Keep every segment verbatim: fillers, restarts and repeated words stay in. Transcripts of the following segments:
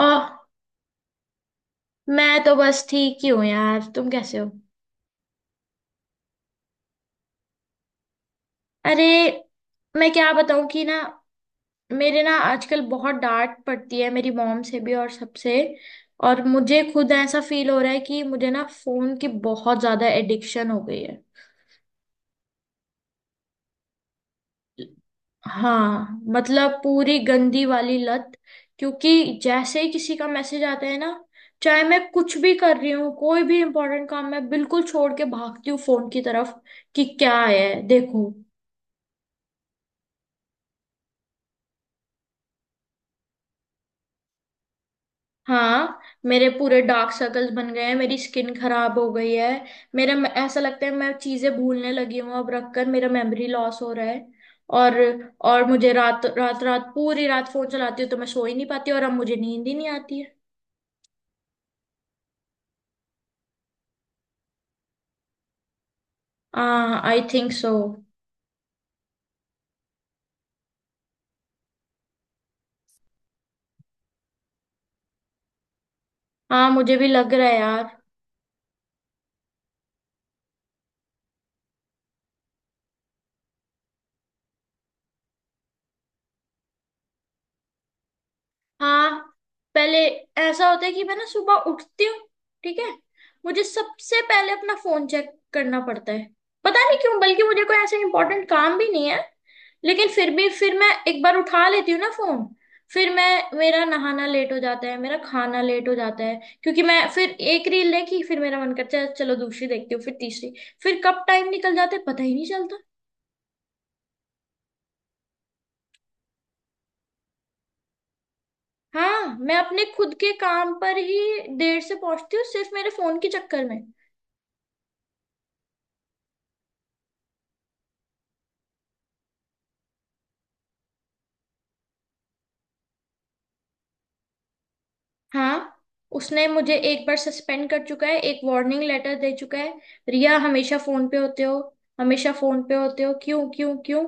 ओह। मैं तो बस ठीक ही हूँ यार, तुम कैसे हो? अरे। मैं क्या बताऊँ कि ना। मेरे ना आजकल बहुत डांट पड़ती है, मेरी मॉम से भी और सबसे। और मुझे खुद ऐसा फील हो रहा है कि मुझे ना फोन की बहुत ज्यादा एडिक्शन हो गई है। हाँ। मतलब पूरी गंदी वाली लत। क्योंकि जैसे ही किसी का मैसेज आता है ना, चाहे मैं कुछ भी कर रही हूँ, कोई भी इम्पोर्टेंट काम मैं बिल्कुल छोड़ के भागती हूँ फोन की तरफ कि क्या है, देखो। हाँ। मेरे पूरे डार्क सर्कल्स बन गए हैं, मेरी स्किन खराब हो गई है। मेरे म- ऐसा लगता है मैं चीजें भूलने लगी हूँ, अब रखकर मेरा मेमोरी लॉस हो रहा है। और। और मुझे रात रात रात पूरी रात फोन चलाती हूँ तो मैं सो ही नहीं पाती और अब मुझे नींद ही नहीं आती है। हाँ आई थिंक सो। हाँ मुझे भी लग रहा है यार। हाँ। पहले। ऐसा होता है कि मैं ना सुबह उठती हूँ। ठीक है। मुझे सबसे पहले अपना फोन चेक करना पड़ता है, पता नहीं क्यों, बल्कि मुझे कोई ऐसा इंपॉर्टेंट काम भी नहीं है। लेकिन फिर भी फिर मैं एक बार उठा लेती हूँ ना फोन। फिर मैं मेरा नहाना लेट हो जाता है, मेरा खाना लेट हो जाता है, क्योंकि मैं फिर एक रील देखी, फिर मेरा मन करता है चलो दूसरी देखती हूँ, फिर तीसरी। फिर कब टाइम निकल जाता है पता ही नहीं चलता। हाँ मैं अपने खुद के काम पर ही देर से पहुंचती हूँ, सिर्फ मेरे फोन के चक्कर में। हाँ। उसने मुझे एक बार सस्पेंड कर चुका है, एक वार्निंग लेटर दे चुका है। रिया हमेशा फोन पे होते हो। हमेशा फोन पे होते हो, क्यों क्यों क्यों?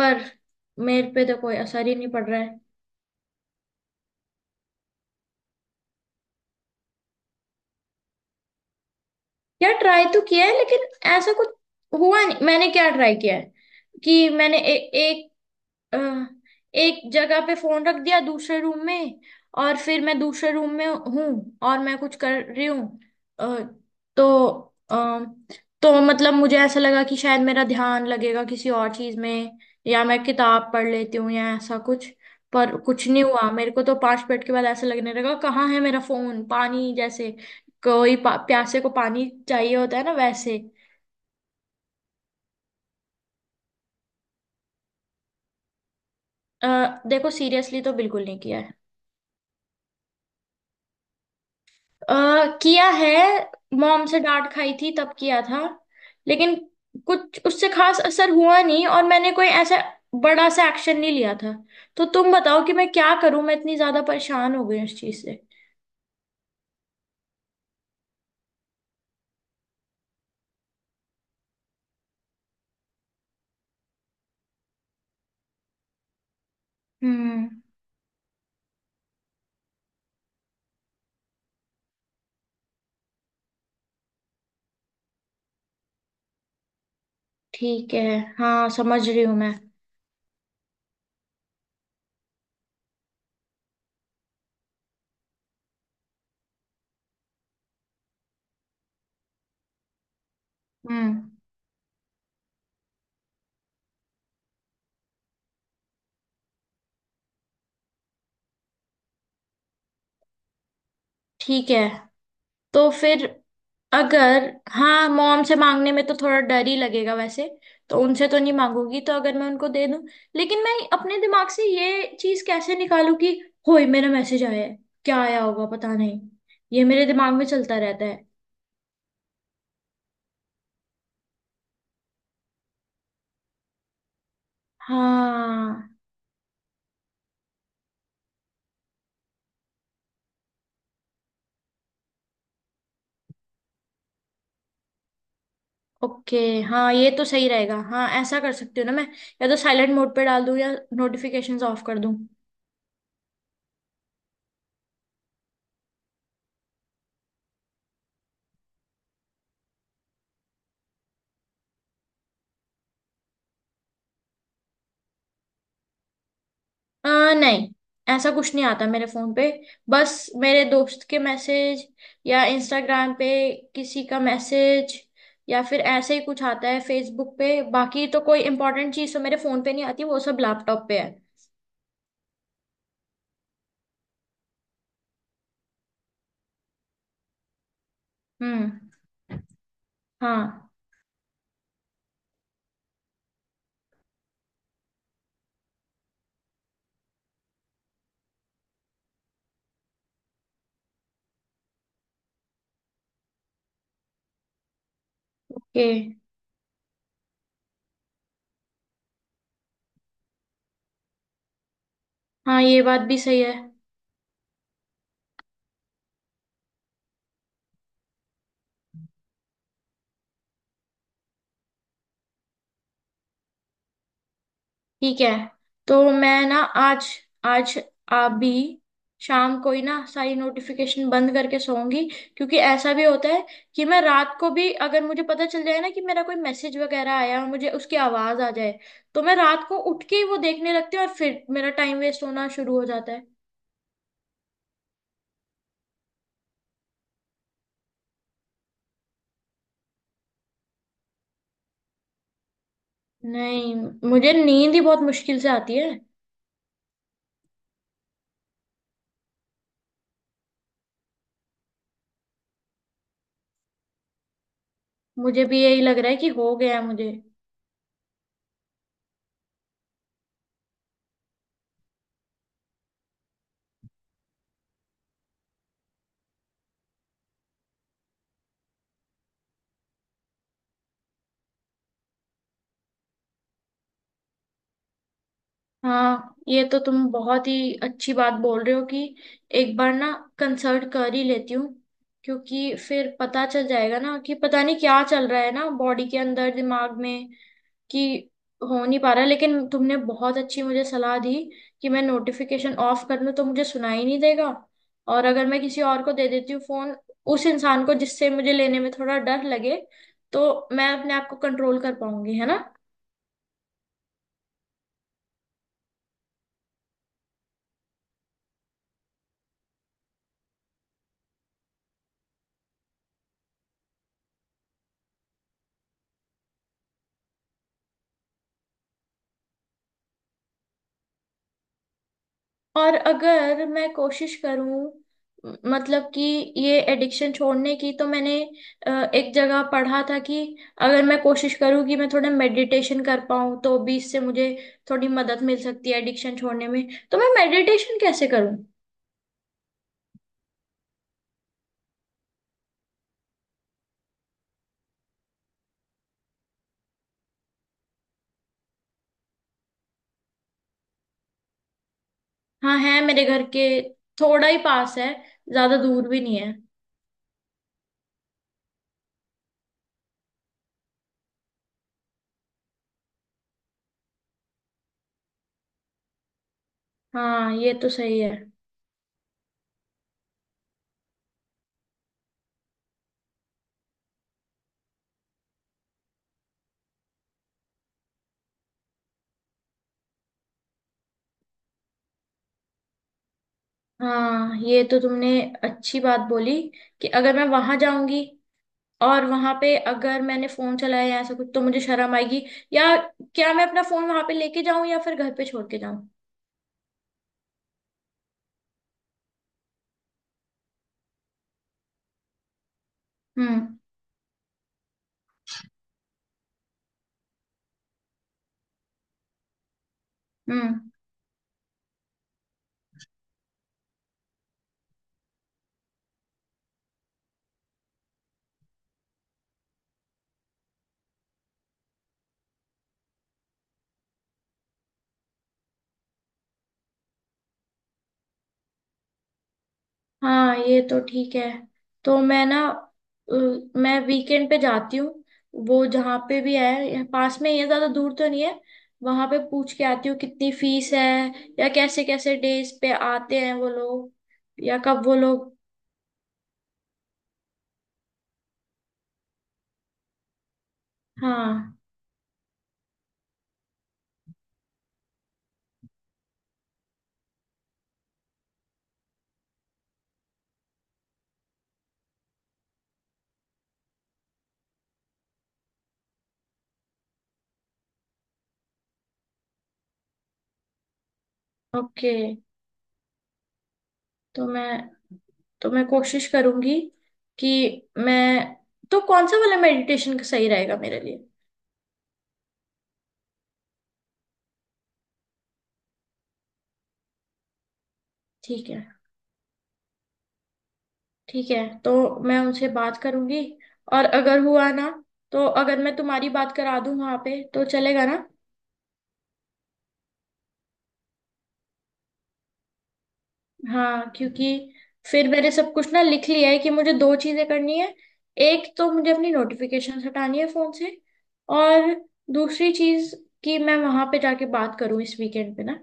पर। मेरे पे तो कोई असर ही नहीं पड़ रहा है। यार ट्राई तो किया है लेकिन। ऐसा कुछ। हुआ नहीं। मैंने क्या ट्राई किया है कि मैंने ए, एक अ, एक जगह पे फोन रख दिया दूसरे रूम में। और फिर मैं दूसरे रूम में हूँ और मैं कुछ कर रही हूँ। अ, तो अ, तो मतलब मुझे ऐसा लगा कि शायद मेरा ध्यान लगेगा किसी और चीज में। या मैं किताब पढ़ लेती हूँ या ऐसा कुछ। पर कुछ नहीं हुआ मेरे को, तो पांच मिनट के बाद ऐसा लगने लगा कहाँ है मेरा फोन, पानी जैसे। कोई पा, प्यासे को पानी चाहिए होता है ना वैसे। अ, देखो सीरियसली तो बिल्कुल नहीं किया है। अ, किया है। मॉम से डांट खाई थी तब किया था। लेकिन कुछ उससे खास असर हुआ नहीं और मैंने कोई ऐसा बड़ा सा एक्शन नहीं लिया था। तो तुम बताओ कि मैं क्या करूं, मैं इतनी ज्यादा परेशान हो गई उस चीज से। हम्म। ठीक है। हाँ समझ रही हूँ मैं। हम्म। ठीक है। तो फिर। अगर। हाँ मॉम से मांगने में तो थोड़ा डर ही लगेगा वैसे। तो उनसे तो नहीं मांगूंगी तो, अगर मैं उनको दे दूं। लेकिन मैं अपने दिमाग से ये चीज कैसे निकालूं कि होय मेरा मैसेज आया है, क्या आया होगा पता नहीं। ये मेरे दिमाग में चलता रहता है। हाँ। ओके हाँ ये तो सही रहेगा, हाँ ऐसा कर सकती हूँ ना मैं। या तो साइलेंट मोड पे डाल दूँ या नोटिफिकेशंस ऑफ कर दूँ। अ, नहीं। ऐसा कुछ नहीं आता मेरे फोन पे। बस। मेरे दोस्त के मैसेज। या इंस्टाग्राम पे किसी का मैसेज। या फिर ऐसे ही कुछ आता है फेसबुक पे, बाकी तो कोई इंपॉर्टेंट चीज़ तो मेरे फोन पे नहीं आती, वो सब लैपटॉप पे है। हम्म। हाँ। ओके। हाँ ये बात भी सही है। ठीक है। तो मैं ना आज। आज। अभी शाम को ही ना सारी नोटिफिकेशन बंद करके सोऊंगी। क्योंकि ऐसा भी होता है कि मैं रात को भी अगर मुझे पता चल जाए ना कि मेरा कोई मैसेज वगैरह आया और मुझे उसकी आवाज आ जाए तो मैं रात को उठ के ही वो देखने लगती हूँ और फिर मेरा टाइम वेस्ट होना शुरू हो जाता है। नहीं। मुझे नींद ही बहुत मुश्किल से आती है। मुझे भी यही लग रहा है कि हो गया है मुझे। हाँ ये तो तुम बहुत ही अच्छी बात बोल रहे हो कि एक बार ना कंसल्ट कर ही लेती हूँ। क्योंकि फिर पता चल जाएगा ना कि पता नहीं क्या चल रहा है ना बॉडी के अंदर दिमाग में कि हो नहीं पा रहा, लेकिन तुमने बहुत अच्छी मुझे सलाह दी कि मैं नोटिफिकेशन ऑफ कर लूँ तो मुझे सुनाई नहीं देगा। और अगर मैं किसी और को दे देती हूँ फोन, उस इंसान को जिससे मुझे लेने में थोड़ा डर लगे, तो मैं अपने आप को कंट्रोल कर पाऊंगी, है ना। और अगर मैं कोशिश करूं म- मतलब कि ये एडिक्शन छोड़ने की, तो मैंने अ, एक जगह पढ़ा था कि अगर मैं कोशिश करूं कि मैं थोड़ा मेडिटेशन कर पाऊं तो भी इससे मुझे थोड़ी मदद मिल सकती है एडिक्शन छोड़ने में। तो मैं मेडिटेशन कैसे करूं? हाँ है मेरे घर के थोड़ा ही पास है, ज्यादा दूर भी नहीं है। हाँ ये तो सही है। हाँ ये तो तुमने अच्छी बात बोली कि अगर मैं वहां जाऊंगी और वहां पे अगर मैंने फोन चलाया या ऐसा कुछ तो मुझे शर्म आएगी। या क्या मैं अपना फोन वहां पे लेके जाऊं या फिर घर पे छोड़ के जाऊं? हम्म। हम्म। हाँ ये तो ठीक है। तो मैं ना अ, मैं वीकेंड पे जाती हूँ, वो जहाँ पे भी है यहाँ पास में ही है ज्यादा दूर तो नहीं है। वहां पे पूछ के आती हूँ कितनी फीस है या कैसे कैसे डेज पे आते हैं वो लोग या कब वो लोग। हाँ ओके। तो मैं। तो मैं कोशिश करूंगी कि मैं। तो कौन सा वाला मेडिटेशन का सही रहेगा मेरे लिए? ठीक है। ठीक है। तो मैं उनसे बात करूंगी और अगर हुआ ना तो अगर मैं तुम्हारी बात करा दूं वहां पे तो चलेगा ना। हाँ क्योंकि फिर मैंने सब कुछ ना लिख लिया है कि मुझे दो चीजें करनी है। एक तो मुझे अपनी नोटिफिकेशन हटानी है फोन से और दूसरी चीज कि मैं वहां पे जाके बात करूं इस वीकेंड पे ना।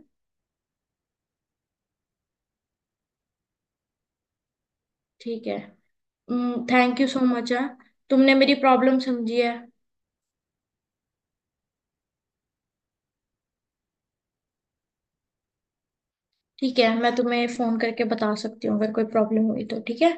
ठीक है। थैंक यू सो मच है। तुमने मेरी प्रॉब्लम समझी है। ठीक है मैं तुम्हें फोन करके बता सकती हूँ अगर कोई प्रॉब्लम हुई तो, ठीक है।